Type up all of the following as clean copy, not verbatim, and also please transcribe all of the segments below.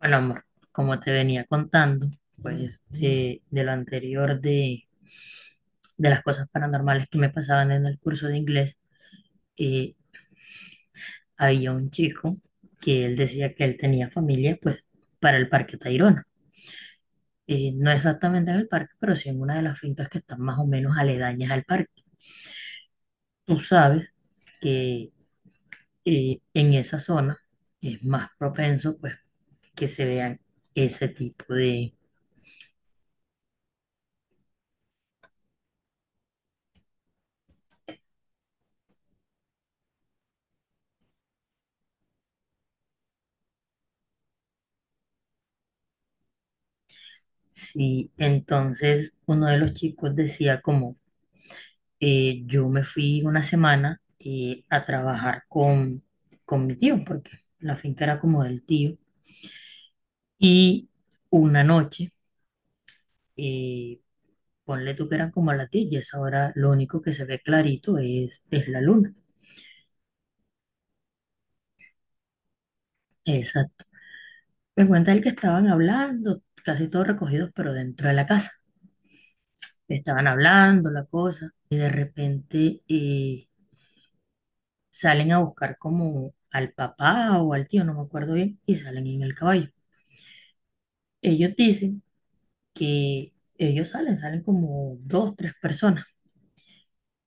Bueno, amor, como te venía contando, pues de lo anterior de las cosas paranormales que me pasaban en el curso de inglés, eh, había un chico que él decía que él tenía familia, pues, para el Parque Tayrona. No exactamente en el parque, pero sí en una de las fincas que están más o menos aledañas al parque. Tú sabes que en esa zona es más propenso, pues, que se vean ese tipo de... Sí, entonces uno de los chicos decía como yo me fui una semana a trabajar con mi tío, porque la finca era como del tío. Y una noche, eh, ponle tú que eran como a las 10 y a esa hora lo único que se ve clarito es la luna. Exacto. Me cuenta él que estaban hablando, casi todos recogidos, pero dentro de la casa. Estaban hablando la cosa, y de repente salen a buscar como al papá o al tío, no me acuerdo bien, y salen en el caballo. Ellos dicen que ellos salen como dos, tres personas.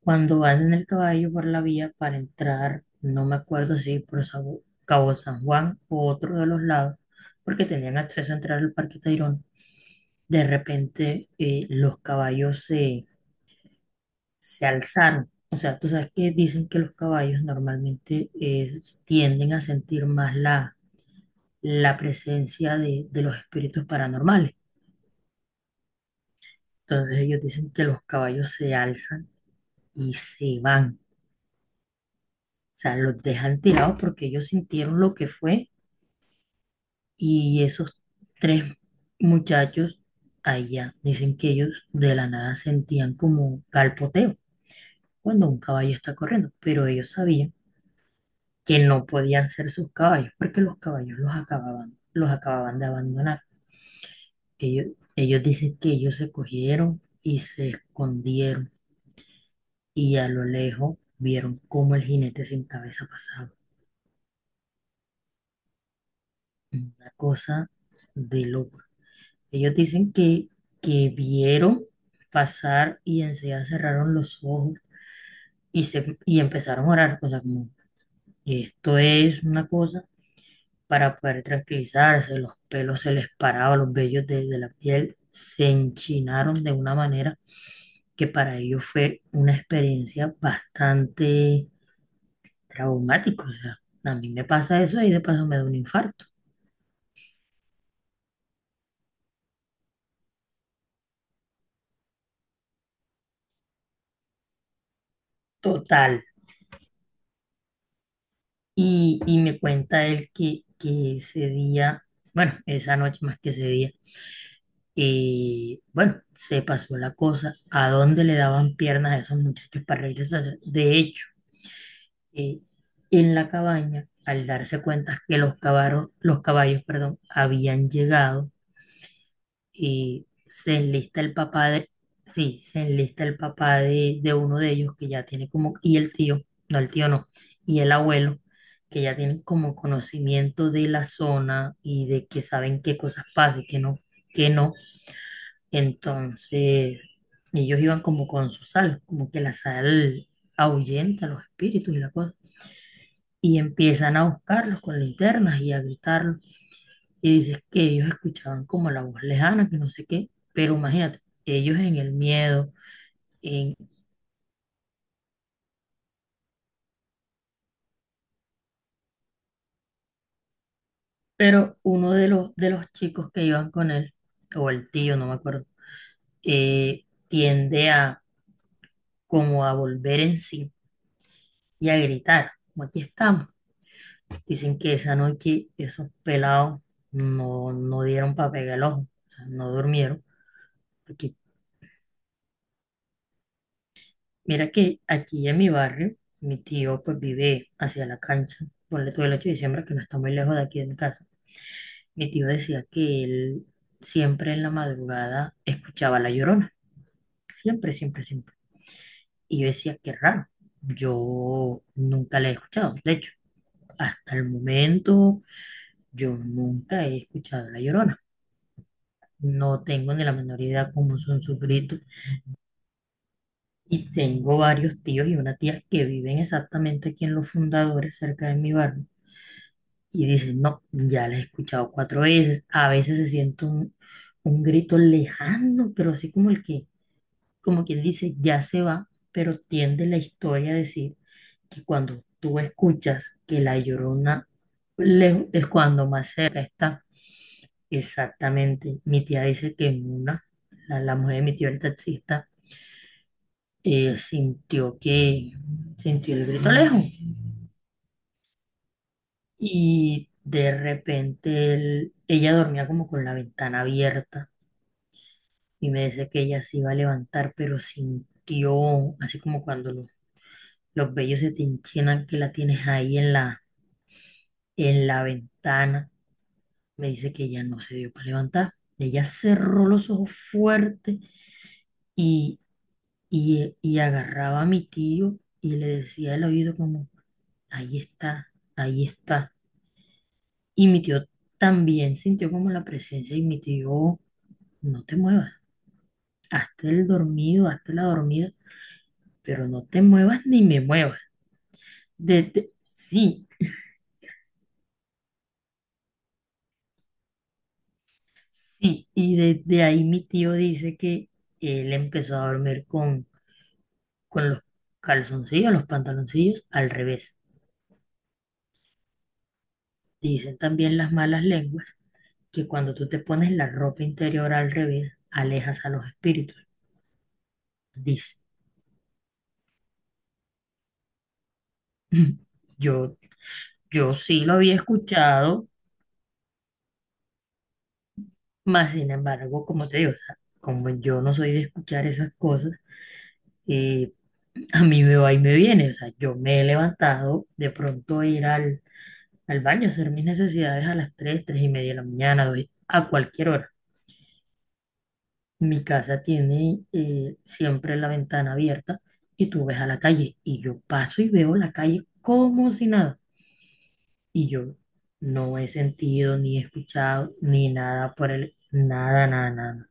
Cuando van en el caballo por la vía para entrar, no me acuerdo si por Cabo San Juan o otro de los lados, porque tenían acceso a entrar al Parque Tayrona, de repente los se alzaron. O sea, tú sabes que dicen que los caballos normalmente tienden a sentir más la presencia de los espíritus paranormales. Entonces ellos dicen que los caballos se alzan y se van. O sea, los dejan tirados porque ellos sintieron lo que fue y esos tres muchachos allá dicen que ellos de la nada sentían como galpoteo cuando un caballo está corriendo, pero ellos sabían que no podían ser sus caballos porque los caballos los acababan de abandonar. Ellos, ellos dicen que ellos se cogieron y se escondieron y a lo lejos vieron cómo el jinete sin cabeza pasaba. Una cosa de loco. Ellos dicen que vieron pasar y enseguida cerraron los ojos y empezaron a orar, cosas como, esto es una cosa para poder tranquilizarse, los pelos se les paraban, los vellos de la piel se enchinaron de una manera que para ellos fue una experiencia bastante traumática. O sea, a mí me pasa eso y de paso me da un infarto. Total. Y me cuenta él que ese día, bueno, esa noche más que ese día, bueno, se pasó la cosa, a dónde le daban piernas a esos muchachos para regresarse. De hecho, eh, en la cabaña, al darse cuenta que los caballos, perdón, habían llegado, y se enlista el papá sí, se enlista el papá de uno de ellos que ya tiene como, y el tío no, y el abuelo, que ya tienen como conocimiento de la zona y de que saben qué cosas pasan, y qué no, qué no. Entonces, ellos iban como con su sal, como que la sal ahuyenta los espíritus y la cosa. Y empiezan a buscarlos con linternas y a gritarlos y dices que ellos escuchaban como la voz lejana, que no sé qué, pero imagínate, ellos en el miedo, en... Pero uno de de los chicos que iban con él, o el tío, no me acuerdo, tiende a como a volver en sí y a gritar, como aquí estamos. Dicen que esa noche esos pelados no dieron para pegar el ojo, o sea, no durmieron, porque mira que aquí en mi barrio, mi tío pues vive hacia la cancha, ponle todo el 8 de diciembre que no está muy lejos de aquí de mi casa. Mi tío decía que él siempre en la madrugada escuchaba La Llorona, siempre, siempre, siempre. Y yo decía, qué raro, yo nunca la he escuchado. De hecho, hasta el momento yo nunca he escuchado La Llorona. No tengo ni la menor idea cómo son sus gritos. Y tengo varios tíos y una tía que viven exactamente aquí en Los Fundadores, cerca de mi barrio y dices, no, ya la he escuchado cuatro veces. A veces se siente un grito lejano, pero así como el como quien dice, ya se va, pero tiende la historia a decir que cuando tú escuchas que la llorona lejos es cuando más cerca está. Exactamente. Mi tía dice que en una, la mujer de mi tío, el taxista, sintió que sintió el grito lejos. Y de repente ella dormía como con la ventana abierta y me decía que ella se iba a levantar, pero sintió, así como cuando los vellos se te enchinan que la tienes ahí en en la ventana. Me dice que ella no se dio para levantar. Ella cerró los ojos fuerte y, y agarraba a mi tío y le decía al oído como, ahí está, ahí está. Y mi tío también sintió como la presencia y mi tío... No te muevas, hasta el dormido, hasta la dormida, pero no te muevas ni me muevas. Desde, sí, sí. Y desde ahí mi tío dice que él empezó a dormir con los calzoncillos, los pantaloncillos al revés. Dicen también las malas lenguas que cuando tú te pones la ropa interior al revés, alejas a los espíritus. Dice, yo, yo sí lo había escuchado, mas sin embargo, como te digo, o sea, como yo no soy de escuchar esas cosas, eh, a mí me va y me viene, o sea, yo me he levantado de pronto a ir al baño a hacer mis necesidades a las 3 3 y media de la mañana, a cualquier hora. Mi casa tiene siempre la ventana abierta y tú ves a la calle y yo paso y veo la calle como si nada. Y yo no he sentido ni he escuchado ni nada por el... Nada, nada, nada, nada.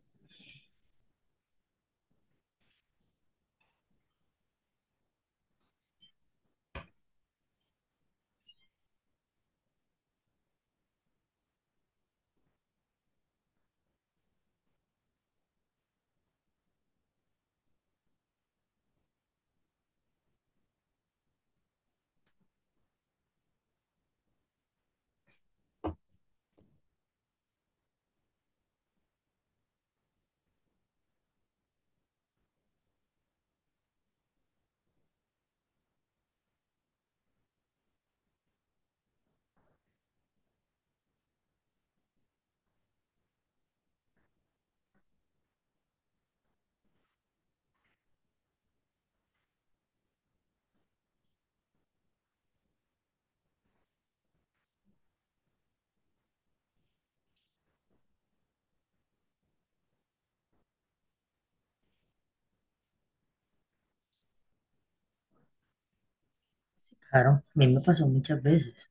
Claro, a mí me pasó muchas veces,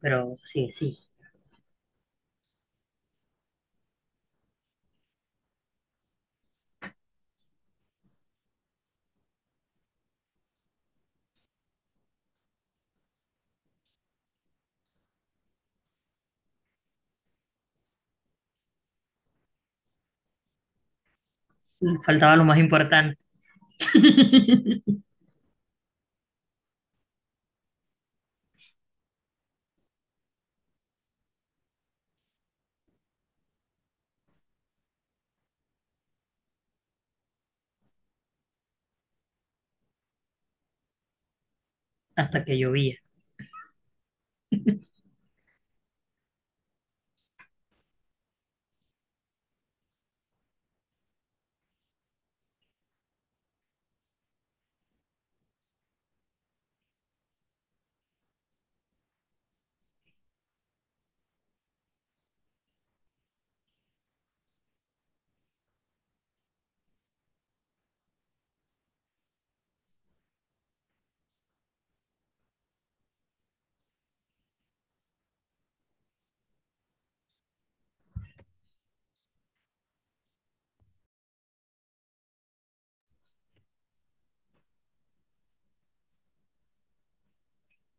pero sí, sí. Faltaba lo más importante. Hasta que llovía.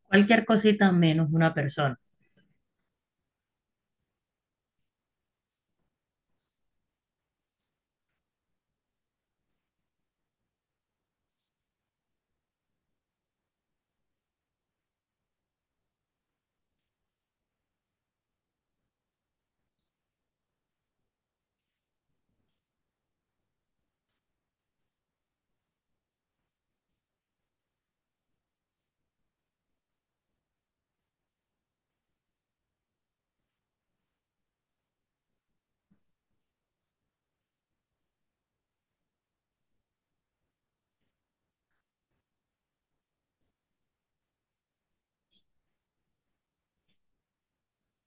Cualquier cosita menos una persona.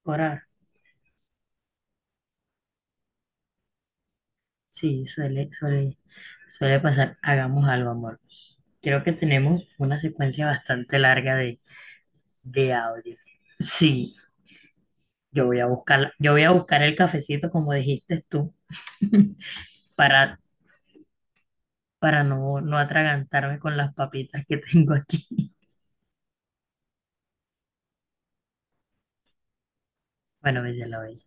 Orar. Sí, suele pasar. Hagamos algo, amor. Creo que tenemos una secuencia bastante larga de audio. Sí, yo voy a buscar el cafecito, como dijiste tú, para, para no atragantarme con las papitas que tengo aquí. Bueno, bella la bella.